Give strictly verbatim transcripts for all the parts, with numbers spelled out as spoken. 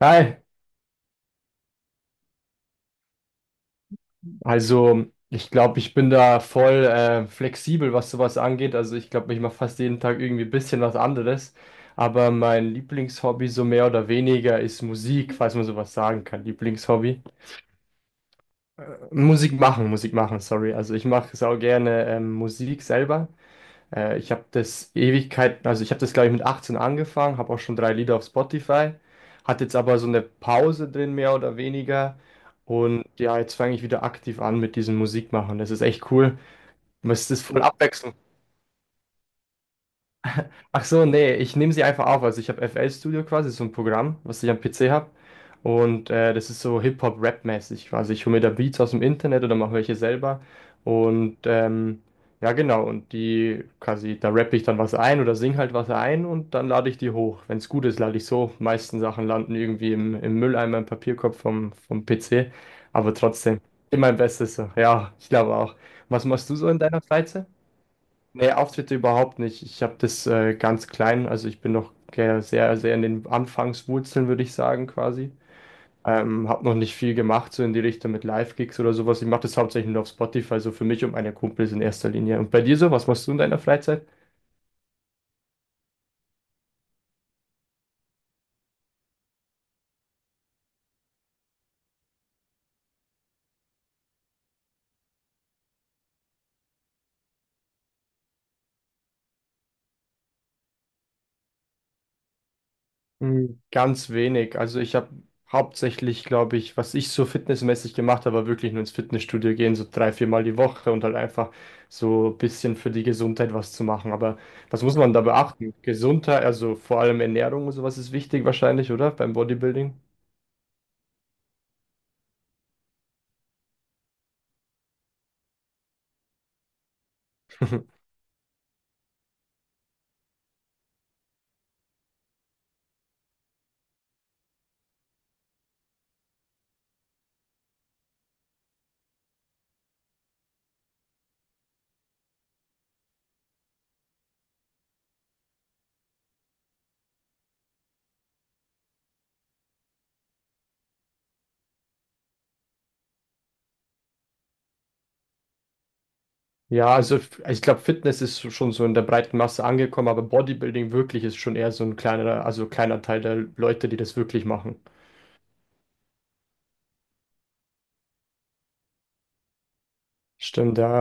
Hi, also ich glaube, ich bin da voll äh, flexibel, was sowas angeht. Also ich glaube, ich mache fast jeden Tag irgendwie ein bisschen was anderes. Aber mein Lieblingshobby so mehr oder weniger ist Musik, falls man sowas sagen kann. Lieblingshobby. Äh, Musik machen, Musik machen, sorry. Also ich mache sau gerne ähm, Musik selber. Äh, ich habe das Ewigkeiten, also ich habe das, glaube ich, mit achtzehn angefangen, habe auch schon drei Lieder auf Spotify, hat jetzt aber so eine Pause drin, mehr oder weniger. Und ja, jetzt fange ich wieder aktiv an mit diesem Musikmachen. Das ist echt cool. Es ist voll abwechslung. Ach so, nee, ich nehme sie einfach auf. Also ich habe F L Studio quasi, so ein Programm, was ich am P C habe. Und äh, das ist so Hip-Hop-Rap-mäßig quasi. Ich hole mir da Beats aus dem Internet oder mache welche selber. Und ähm, ja, genau. Und die quasi, da rappe ich dann was ein oder sing halt was ein und dann lade ich die hoch. Wenn es gut ist, lade ich so. Meisten Sachen landen irgendwie im, im Mülleimer, im Papierkorb vom, vom P C. Aber trotzdem, immer mein Bestes so. Ja, ich glaube auch. Was machst du so in deiner Freizeit? Nee, Auftritte überhaupt nicht. Ich habe das äh, ganz klein, also ich bin noch ge- sehr, sehr in den Anfangswurzeln, würde ich sagen, quasi. Ähm, habe noch nicht viel gemacht, so in die Richtung mit Live-Gigs oder sowas. Ich mache das hauptsächlich nur auf Spotify, so für mich und meine Kumpels in erster Linie. Und bei dir so, was machst du in deiner Freizeit? Hm, ganz wenig. Also ich habe hauptsächlich, glaube ich, was ich so fitnessmäßig gemacht habe, war wirklich nur ins Fitnessstudio gehen, so drei, viermal die Woche und halt einfach so ein bisschen für die Gesundheit was zu machen. Aber was muss man da beachten? Gesundheit, also vor allem Ernährung und sowas ist wichtig wahrscheinlich, oder? Beim Bodybuilding? Ja, also f- ich glaube, Fitness ist so- schon so in der breiten Masse angekommen, aber Bodybuilding wirklich ist schon eher so ein kleiner, also kleiner Teil der Leute, die das wirklich machen. Stimmt, ja.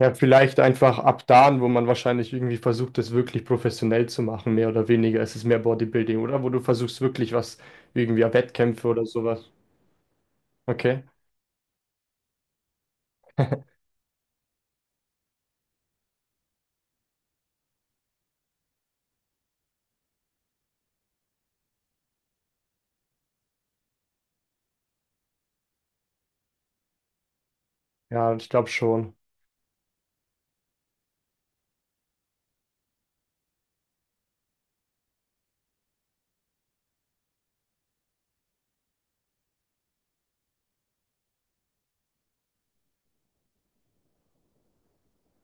Ja, vielleicht einfach ab da, wo man wahrscheinlich irgendwie versucht, das wirklich professionell zu machen, mehr oder weniger. Es ist mehr Bodybuilding, oder? Wo du versuchst wirklich was, irgendwie ja, Wettkämpfe oder sowas. Okay. Ja, ich glaube schon.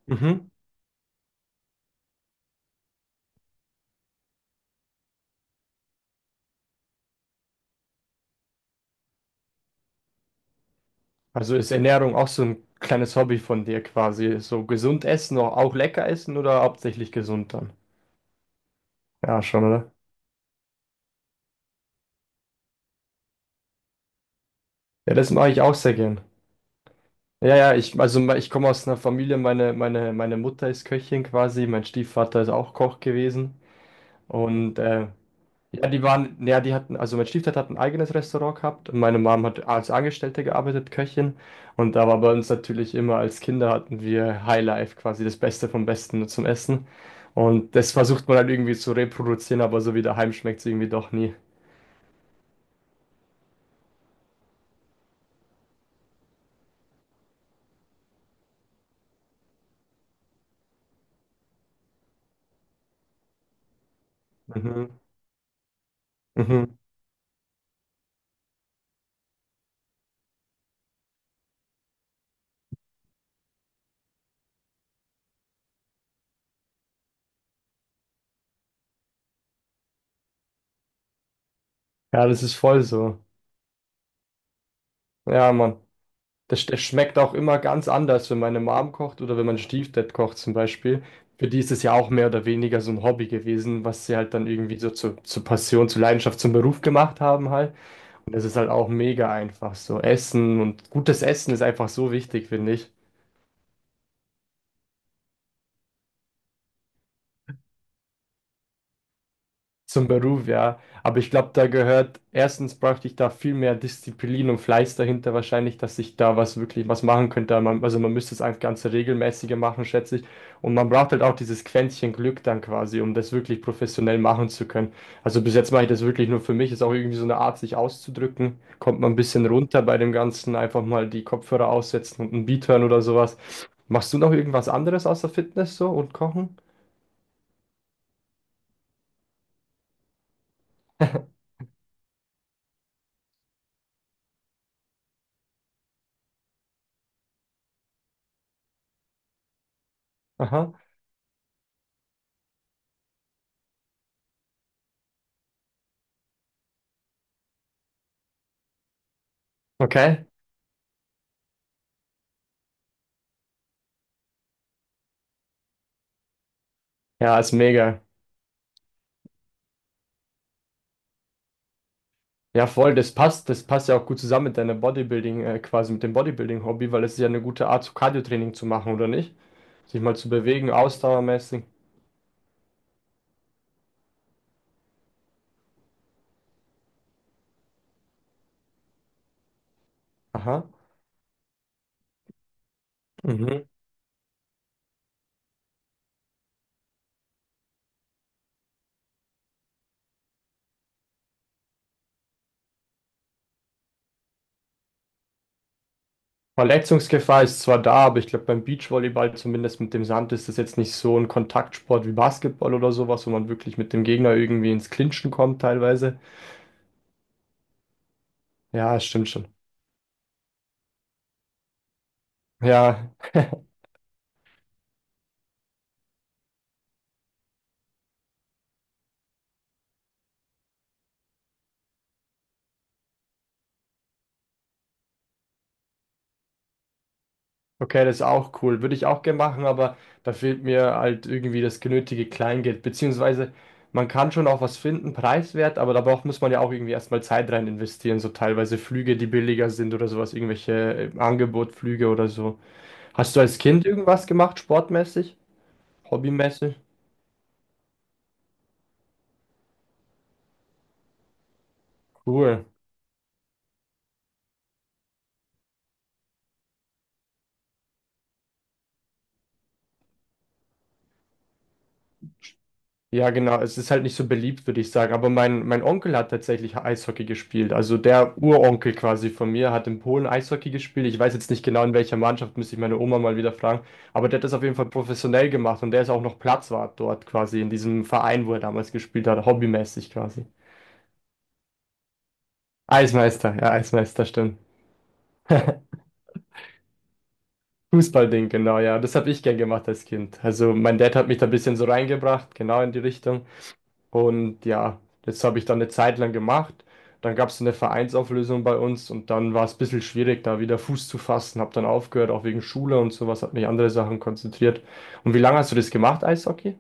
Mhm. Also ist Ernährung auch so ein kleines Hobby von dir quasi. So gesund essen, auch auch lecker essen oder hauptsächlich gesund dann? Ja, schon, oder? Ja, das mache ich auch sehr gern. Ja, ja, ich, also me- ich komme aus einer Familie, meine, meine, meine Mutter ist Köchin quasi, mein Stiefvater ist auch Koch gewesen. Und äh, ja, die waren, ja, die hatten, also mein Stiefvater hat ein eigenes Restaurant gehabt und meine Mom hat als Angestellte gearbeitet, Köchin. Und da war bei uns natürlich immer als Kinder hatten wir Highlife, quasi das Beste vom Besten zum Essen. Und das versucht man halt irgendwie zu reproduzieren, aber so wie daheim schmeckt es irgendwie doch nie. Mhm. Mhm. Ja, das ist voll so. Ja, Mann. Das, das schmeckt auch immer ganz anders, wenn meine Mom kocht oder wenn mein Stiefdad kocht zum Beispiel. Für die ist es ja auch mehr oder weniger so ein Hobby gewesen, was sie halt dann irgendwie so zur zur Passion, zur Leidenschaft, zum Beruf gemacht haben halt. Und das ist halt auch mega einfach so. Essen und gutes Essen ist einfach so wichtig, finde ich. Zum Beruf, ja. Aber ich glaube, da gehört, erstens bräuchte ich da viel mehr Disziplin und Fleiß dahinter wahrscheinlich, dass ich da was wirklich was machen könnte. Man, also man müsste es einfach ganze regelmäßiger machen, schätze ich. Und man braucht halt auch dieses Quäntchen Glück dann quasi, um das wirklich professionell machen zu können. Also bis jetzt mache ich das wirklich nur für mich. Ist auch irgendwie so eine Art, sich auszudrücken. Kommt man ein bisschen runter bei dem Ganzen, einfach mal die Kopfhörer aussetzen und ein Beat hören oder sowas. Machst du noch irgendwas anderes außer Fitness so und Kochen? Aha. Okay. Ja, ist mega. Ja, voll, das passt. Das passt ja auch gut zusammen mit deiner Bodybuilding, äh, quasi mit dem Bodybuilding-Hobby, weil es ist ja eine gute Art, so Cardio-Training zu machen, oder nicht? Sich mal zu bewegen, ausdauermäßig. Aha. Mhm. Verletzungsgefahr ist zwar da, aber ich glaube, beim Beachvolleyball, zumindest mit dem Sand, ist das jetzt nicht so ein Kontaktsport wie Basketball oder sowas, wo man wirklich mit dem Gegner irgendwie ins Clinchen kommt, teilweise. Ja, stimmt schon. Ja, okay, das ist auch cool. Würde ich auch gerne machen, aber da fehlt mir halt irgendwie das genötige Kleingeld. Beziehungsweise man kann schon auch was finden, preiswert, aber da muss man ja auch irgendwie erstmal Zeit rein investieren. So teilweise Flüge, die billiger sind oder sowas, irgendwelche äh, Angebotflüge oder so. Hast du als Kind irgendwas gemacht, sportmäßig, hobbymäßig? Cool. Ja, genau. Es ist halt nicht so beliebt, würde ich sagen. Aber mein, mein Onkel hat tatsächlich Eishockey gespielt. Also der Uronkel quasi von mir hat in Polen Eishockey gespielt. Ich weiß jetzt nicht genau, in welcher Mannschaft, müsste ich meine Oma mal wieder fragen. Aber der hat das auf jeden Fall professionell gemacht und der ist auch noch Platzwart dort quasi, in diesem Verein, wo er damals gespielt hat, hobbymäßig quasi. Eismeister, ja, Eismeister, stimmt. Fußballding, genau, ja. Das habe ich gern gemacht als Kind. Also mein Dad hat mich da ein bisschen so reingebracht, genau in die Richtung. Und ja, das habe ich dann eine Zeit lang gemacht. Dann gab es eine Vereinsauflösung bei uns und dann war es ein bisschen schwierig, da wieder Fuß zu fassen. Habe dann aufgehört, auch wegen Schule und sowas, habe mich andere Sachen konzentriert. Und wie lange hast du das gemacht, Eishockey?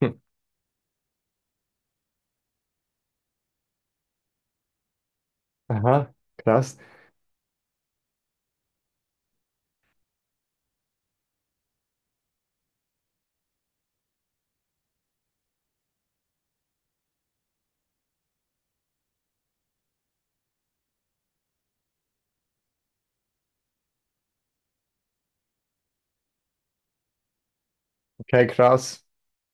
Hm. Aha, krass. Okay, krass.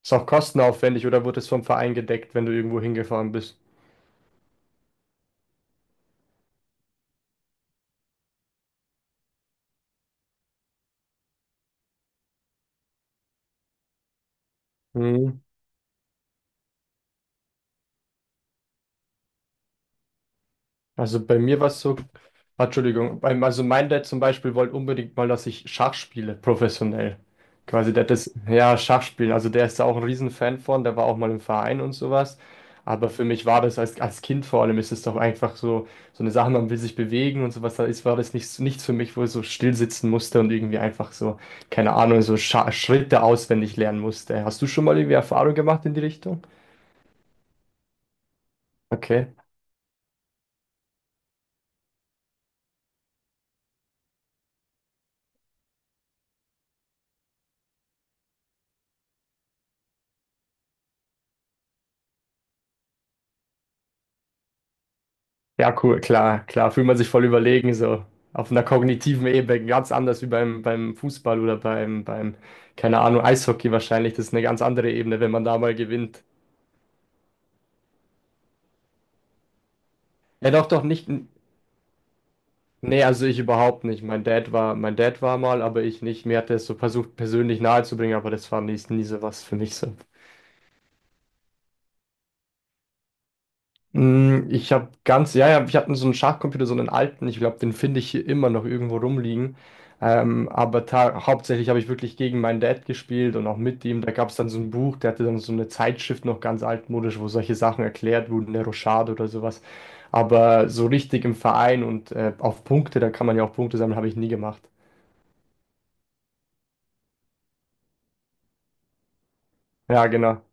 Ist auch kostenaufwendig oder wurde es vom Verein gedeckt, wenn du irgendwo hingefahren bist? Hm. Also bei mir war es so, ah, Entschuldigung, beim- also mein Dad zum Beispiel wollte unbedingt mal, dass ich Schach spiele, professionell. Quasi, der hat das, ja, Schach spielen, also der ist da auch ein Riesenfan von, der war auch mal im Verein und sowas. Aber für mich war das als, als Kind vor allem, ist es doch einfach so, so eine Sache, man will sich bewegen und sowas, da ist, war das nichts, nichts für mich, wo ich so still sitzen musste und irgendwie einfach so, keine Ahnung, so Scha Schritte auswendig lernen musste. Hast du schon mal irgendwie Erfahrung gemacht in die Richtung? Okay. Ja, cool, klar, klar, fühlt man sich voll überlegen, so auf einer kognitiven Ebene, ganz anders wie beim, beim Fußball oder beim, beim, keine Ahnung, Eishockey wahrscheinlich. Das ist eine ganz andere Ebene, wenn man da mal gewinnt. Ja, doch, doch, nicht. Nee, also ich überhaupt nicht. Mein Dad war, mein Dad war mal, aber ich nicht. Mir hat er es so versucht, persönlich nahezubringen, aber das war nie, nie so was für mich so. Mm, ich habe ganz, ja, ja, ich hatte so einen Schachcomputer, so einen alten. Ich glaube, den finde ich hier immer noch irgendwo rumliegen. Ähm, aber ta- hauptsächlich habe ich wirklich gegen meinen Dad gespielt und auch mit ihm. Da gab es dann so ein Buch, der hatte dann so eine Zeitschrift noch ganz altmodisch, wo solche Sachen erklärt wurden, der Rochade oder sowas. Aber so richtig im Verein und äh, auf Punkte, da kann man ja auch Punkte sammeln, habe ich nie gemacht. Ja, genau.